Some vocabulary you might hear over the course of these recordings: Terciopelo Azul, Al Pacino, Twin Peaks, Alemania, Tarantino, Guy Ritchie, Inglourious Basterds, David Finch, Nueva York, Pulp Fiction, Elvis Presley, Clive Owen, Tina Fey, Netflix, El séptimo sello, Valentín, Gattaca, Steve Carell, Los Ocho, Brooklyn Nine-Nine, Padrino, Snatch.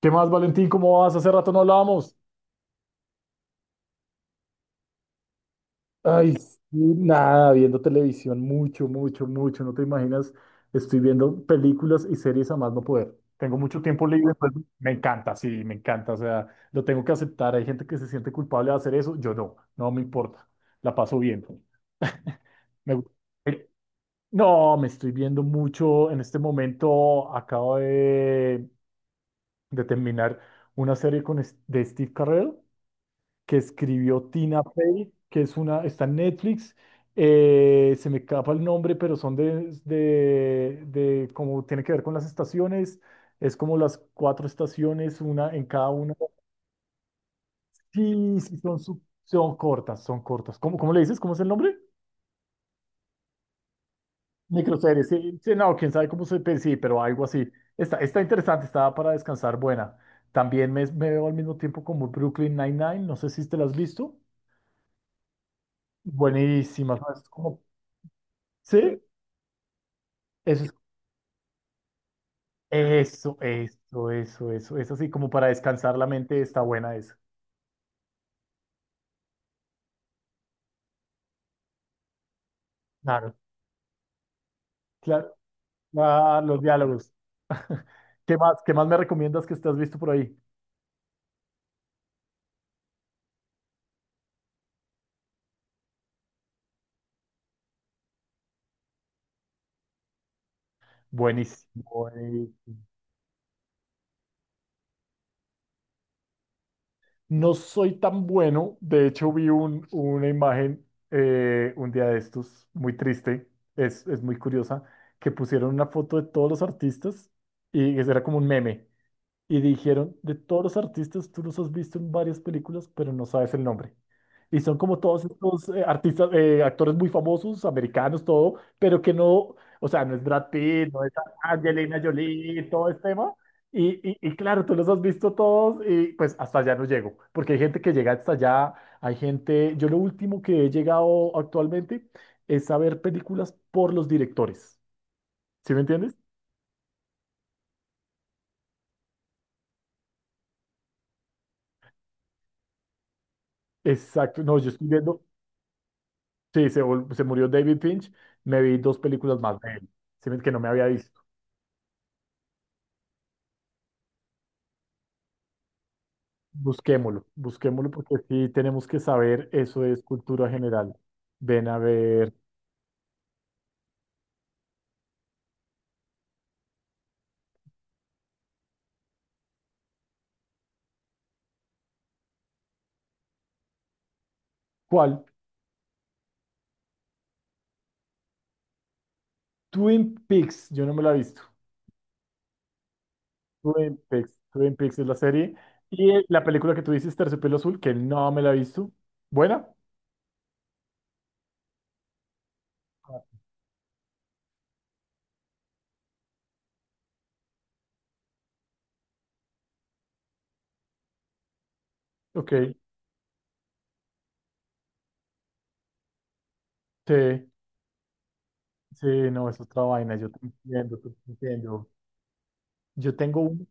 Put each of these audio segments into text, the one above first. ¿Qué más, Valentín? ¿Cómo vas? Hace rato no hablábamos. Ay, sí, nada, viendo televisión mucho, mucho, mucho, no te imaginas, estoy viendo películas y series a más no poder. Tengo mucho tiempo libre, pues me encanta, sí, me encanta. O sea, lo tengo que aceptar. Hay gente que se siente culpable de hacer eso. Yo no, no me importa. La paso bien. Me gu- eh, no, me estoy viendo mucho. En este momento acabo de, terminar una serie con, es- de Steve Carell, que escribió Tina Fey, que es una, está en Netflix. Se me escapa el nombre, pero son de, como tiene que ver con las estaciones. Es como las cuatro estaciones, una en cada una. Sí, sí, son, su- son cortas, son cortas. ¿Cómo, cómo le dices? ¿Cómo es el nombre? Microseries. Sí, sí, no, quién sabe cómo se pe- sí, pero algo así. Está, está interesante, está para descansar, buena. También me veo al mismo tiempo como Brooklyn Nine-Nine, no sé si te la has visto. Buenísima, ¿sabes? Como, sí. Eso es, eso sí, como para descansar la mente está buena eso. Claro. Claro, ah, los diálogos. ¿Qué más? ¿Qué más me recomiendas que estás visto por ahí? Buenísimo. No soy tan bueno. De hecho, vi un, una imagen un día de estos, muy triste, es muy curiosa, que pusieron una foto de todos los artistas y eso era como un meme. Y dijeron, de todos los artistas, tú los has visto en varias películas, pero no sabes el nombre. Y son como todos estos artistas, actores muy famosos, americanos, todo, pero que no, o sea, no es Brad Pitt, no es Angelina Jolie, todo este tema. Y claro, tú los has visto todos y pues hasta allá no llego, porque hay gente que llega hasta allá, hay gente, yo lo último que he llegado actualmente es a ver películas por los directores, ¿sí me entiendes? Exacto, no, yo estoy viendo. Sí, se, vol- se murió David Finch. Me vi dos películas más de él, ¿sí? ¿Ves? Que no me había visto. Busquémoslo, busquémoslo porque sí tenemos que saber, eso es cultura general. Ven a ver, ¿cuál? Twin Peaks, yo no me la he visto. Twin Peaks, Twin Peaks es la serie. Y la película que tú dices, Terciopelo Azul, que no me la he visto. ¿Buena? Ah, ok, sí, sí, no, es otra vaina, yo te entiendo, te entiendo. Yo tengo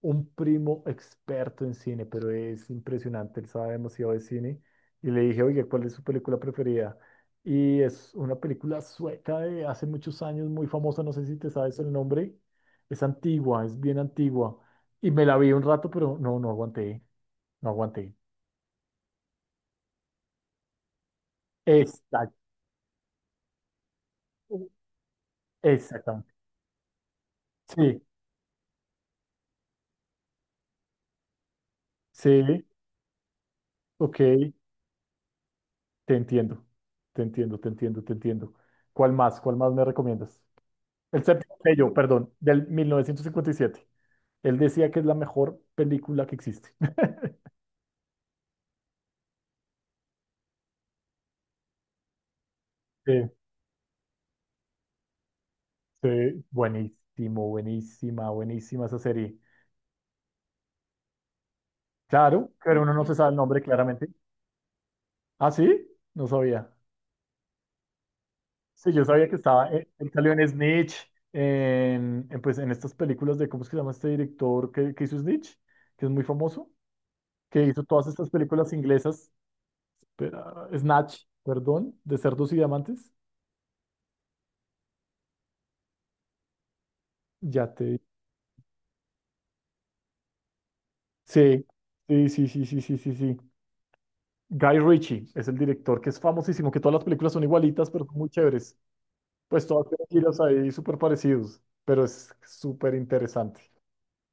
un primo experto en cine, pero es impresionante, él sabe demasiado de cine. Y le dije, oye, ¿cuál es su película preferida? Y es una película sueca de hace muchos años, muy famosa, no sé si te sabes el nombre. Es antigua, es bien antigua. Y me la vi un rato, pero no, no aguanté, no aguanté. Exacto, exactamente. Sí, sí, ok, te entiendo, te entiendo, te entiendo, te entiendo. ¿Cuál más? ¿Cuál más me recomiendas? El séptimo sello, perdón, del 1957. Él decía que es la mejor película que existe. Sí, sí, buenísimo, buenísima, buenísima esa serie. Claro, pero uno no se sabe el nombre claramente. Ah, sí, no sabía. Sí, yo sabía que estaba, él salió en Snitch, en, pues, en estas películas de, ¿cómo es que se llama este director que hizo Snitch? Que es muy famoso, que hizo todas estas películas inglesas, pero, ah, Snatch, perdón, de Cerdos y Diamantes. Ya te sí, sí, sí, sí, sí, sí, sí, sí. Guy Ritchie es el director que es famosísimo, que todas las películas son igualitas, pero son muy chéveres. Pues todas tienen giros ahí súper parecidos, pero es súper interesante.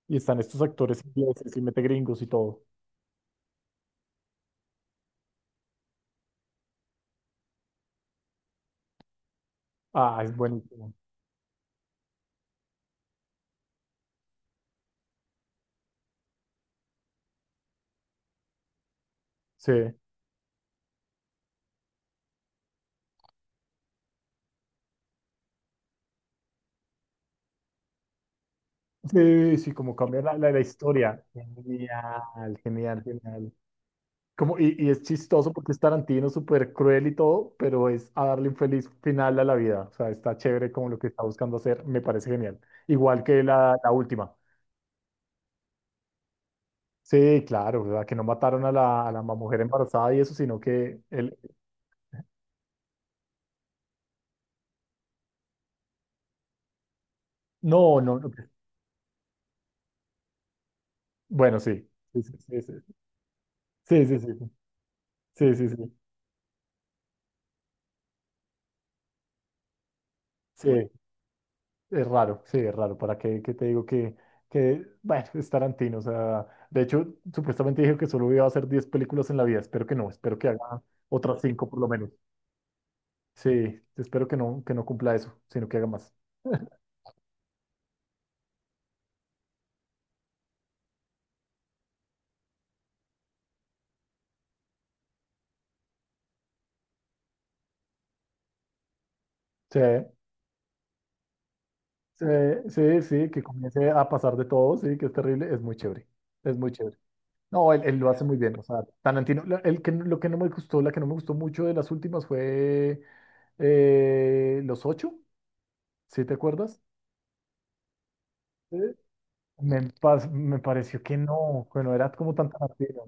Y están estos actores ingleses y mete gringos y todo. Ah, es buenísimo. Sí, sí, sí, como cambia la, la, la historia. Genial, genial, genial. Como, y es chistoso porque es Tarantino, súper cruel y todo, pero es a darle un feliz final a la vida. O sea, está chévere como lo que está buscando hacer, me parece genial. Igual que la última. Sí, claro, ¿verdad? Que no mataron a la mujer embarazada y eso, sino que él... No, no, no. Bueno, sí. Sí, sí, sí. Sí, sí, sí. Sí, sí, sí. Sí, sí, sí. Es raro, sí, es raro. ¿Para qué, qué te digo que, bueno, es Tarantino? O sea, de hecho, supuestamente dijo que solo iba a hacer 10 películas en la vida. Espero que no, espero que haga otras 5 por lo menos. Sí, espero que no cumpla eso, sino que haga más. Sí, sí, sí, sí, que comience a pasar de todo, sí, que es terrible, es muy chévere, es muy chévere. No, él lo hace muy bien, o sea, Tarantino, la- el que, lo que no me gustó, la que no me gustó mucho de las últimas fue Los Ocho, ¿sí te acuerdas? Me, pas- me pareció que no era como tan Tarantino.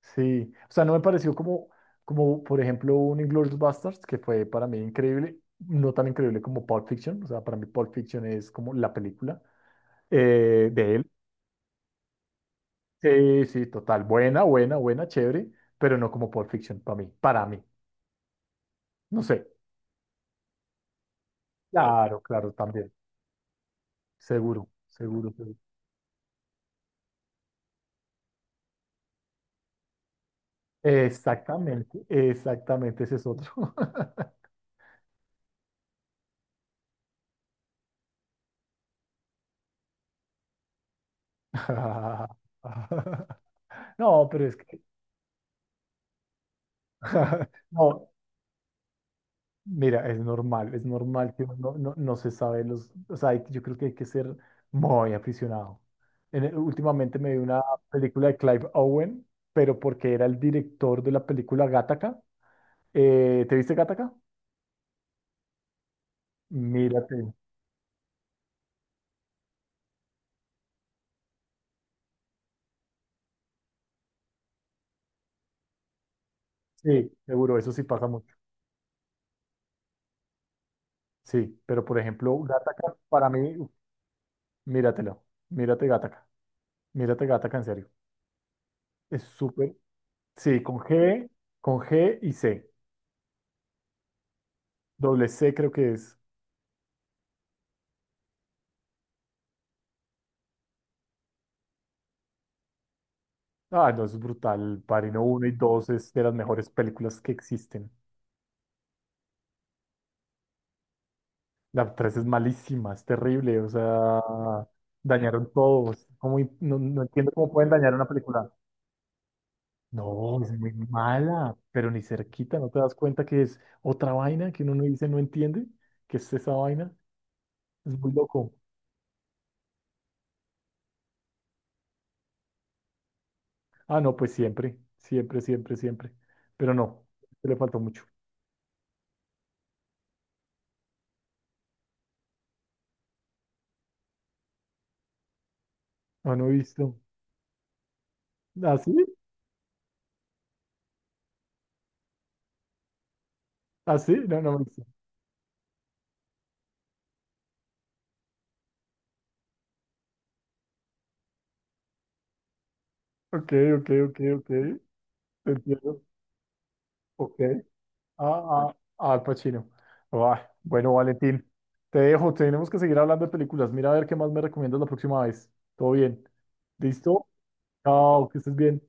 Sí, o sea, no me pareció como, como por ejemplo, un Inglourious Basterds, que fue para mí increíble, no tan increíble como Pulp Fiction, o sea, para mí Pulp Fiction es como la película de él. Sí, sí, total, buena, buena, buena, chévere, pero no como Pulp Fiction para mí, no sé. Claro, claro, también, seguro, seguro, seguro. Exactamente, exactamente, ese es otro. No, pero es que No, mira, es normal que uno no, no se sabe los, o sea, hay- yo creo que hay que ser muy aficionado. En el- últimamente me vi una película de Clive Owen, pero porque era el director de la película Gattaca. ¿Te viste Gattaca? Mírate. Sí, seguro, eso sí pasa mucho. Sí, pero por ejemplo, Gattaca para mí, uf, míratelo, mírate Gattaca en serio. Es súper, sí, con G y C, doble C creo que es. Ah, no, es brutal. Padrino uno y 2 es de las mejores películas que existen. La 3 es malísima, es terrible. O sea, dañaron todo, es como im- no, no entiendo cómo pueden dañar una película. No, es muy mala, pero ni cerquita. ¿No te das cuenta que es otra vaina que uno no dice, no entiende? ¿Qué es esa vaina? Es muy loco. Ah, no, pues siempre, siempre, siempre, siempre. Pero no, este le faltó mucho. No, no he visto. ¿Así? ¿Así? No, no he visto. Ok, ok, ok, ok. Te entiendo. Ok. Ah, ah, Al Pacino. Ay, bueno, Valentín, te dejo. Tenemos que seguir hablando de películas. Mira a ver qué más me recomiendas la próxima vez. Todo bien. ¿Listo? Chao, que estés bien.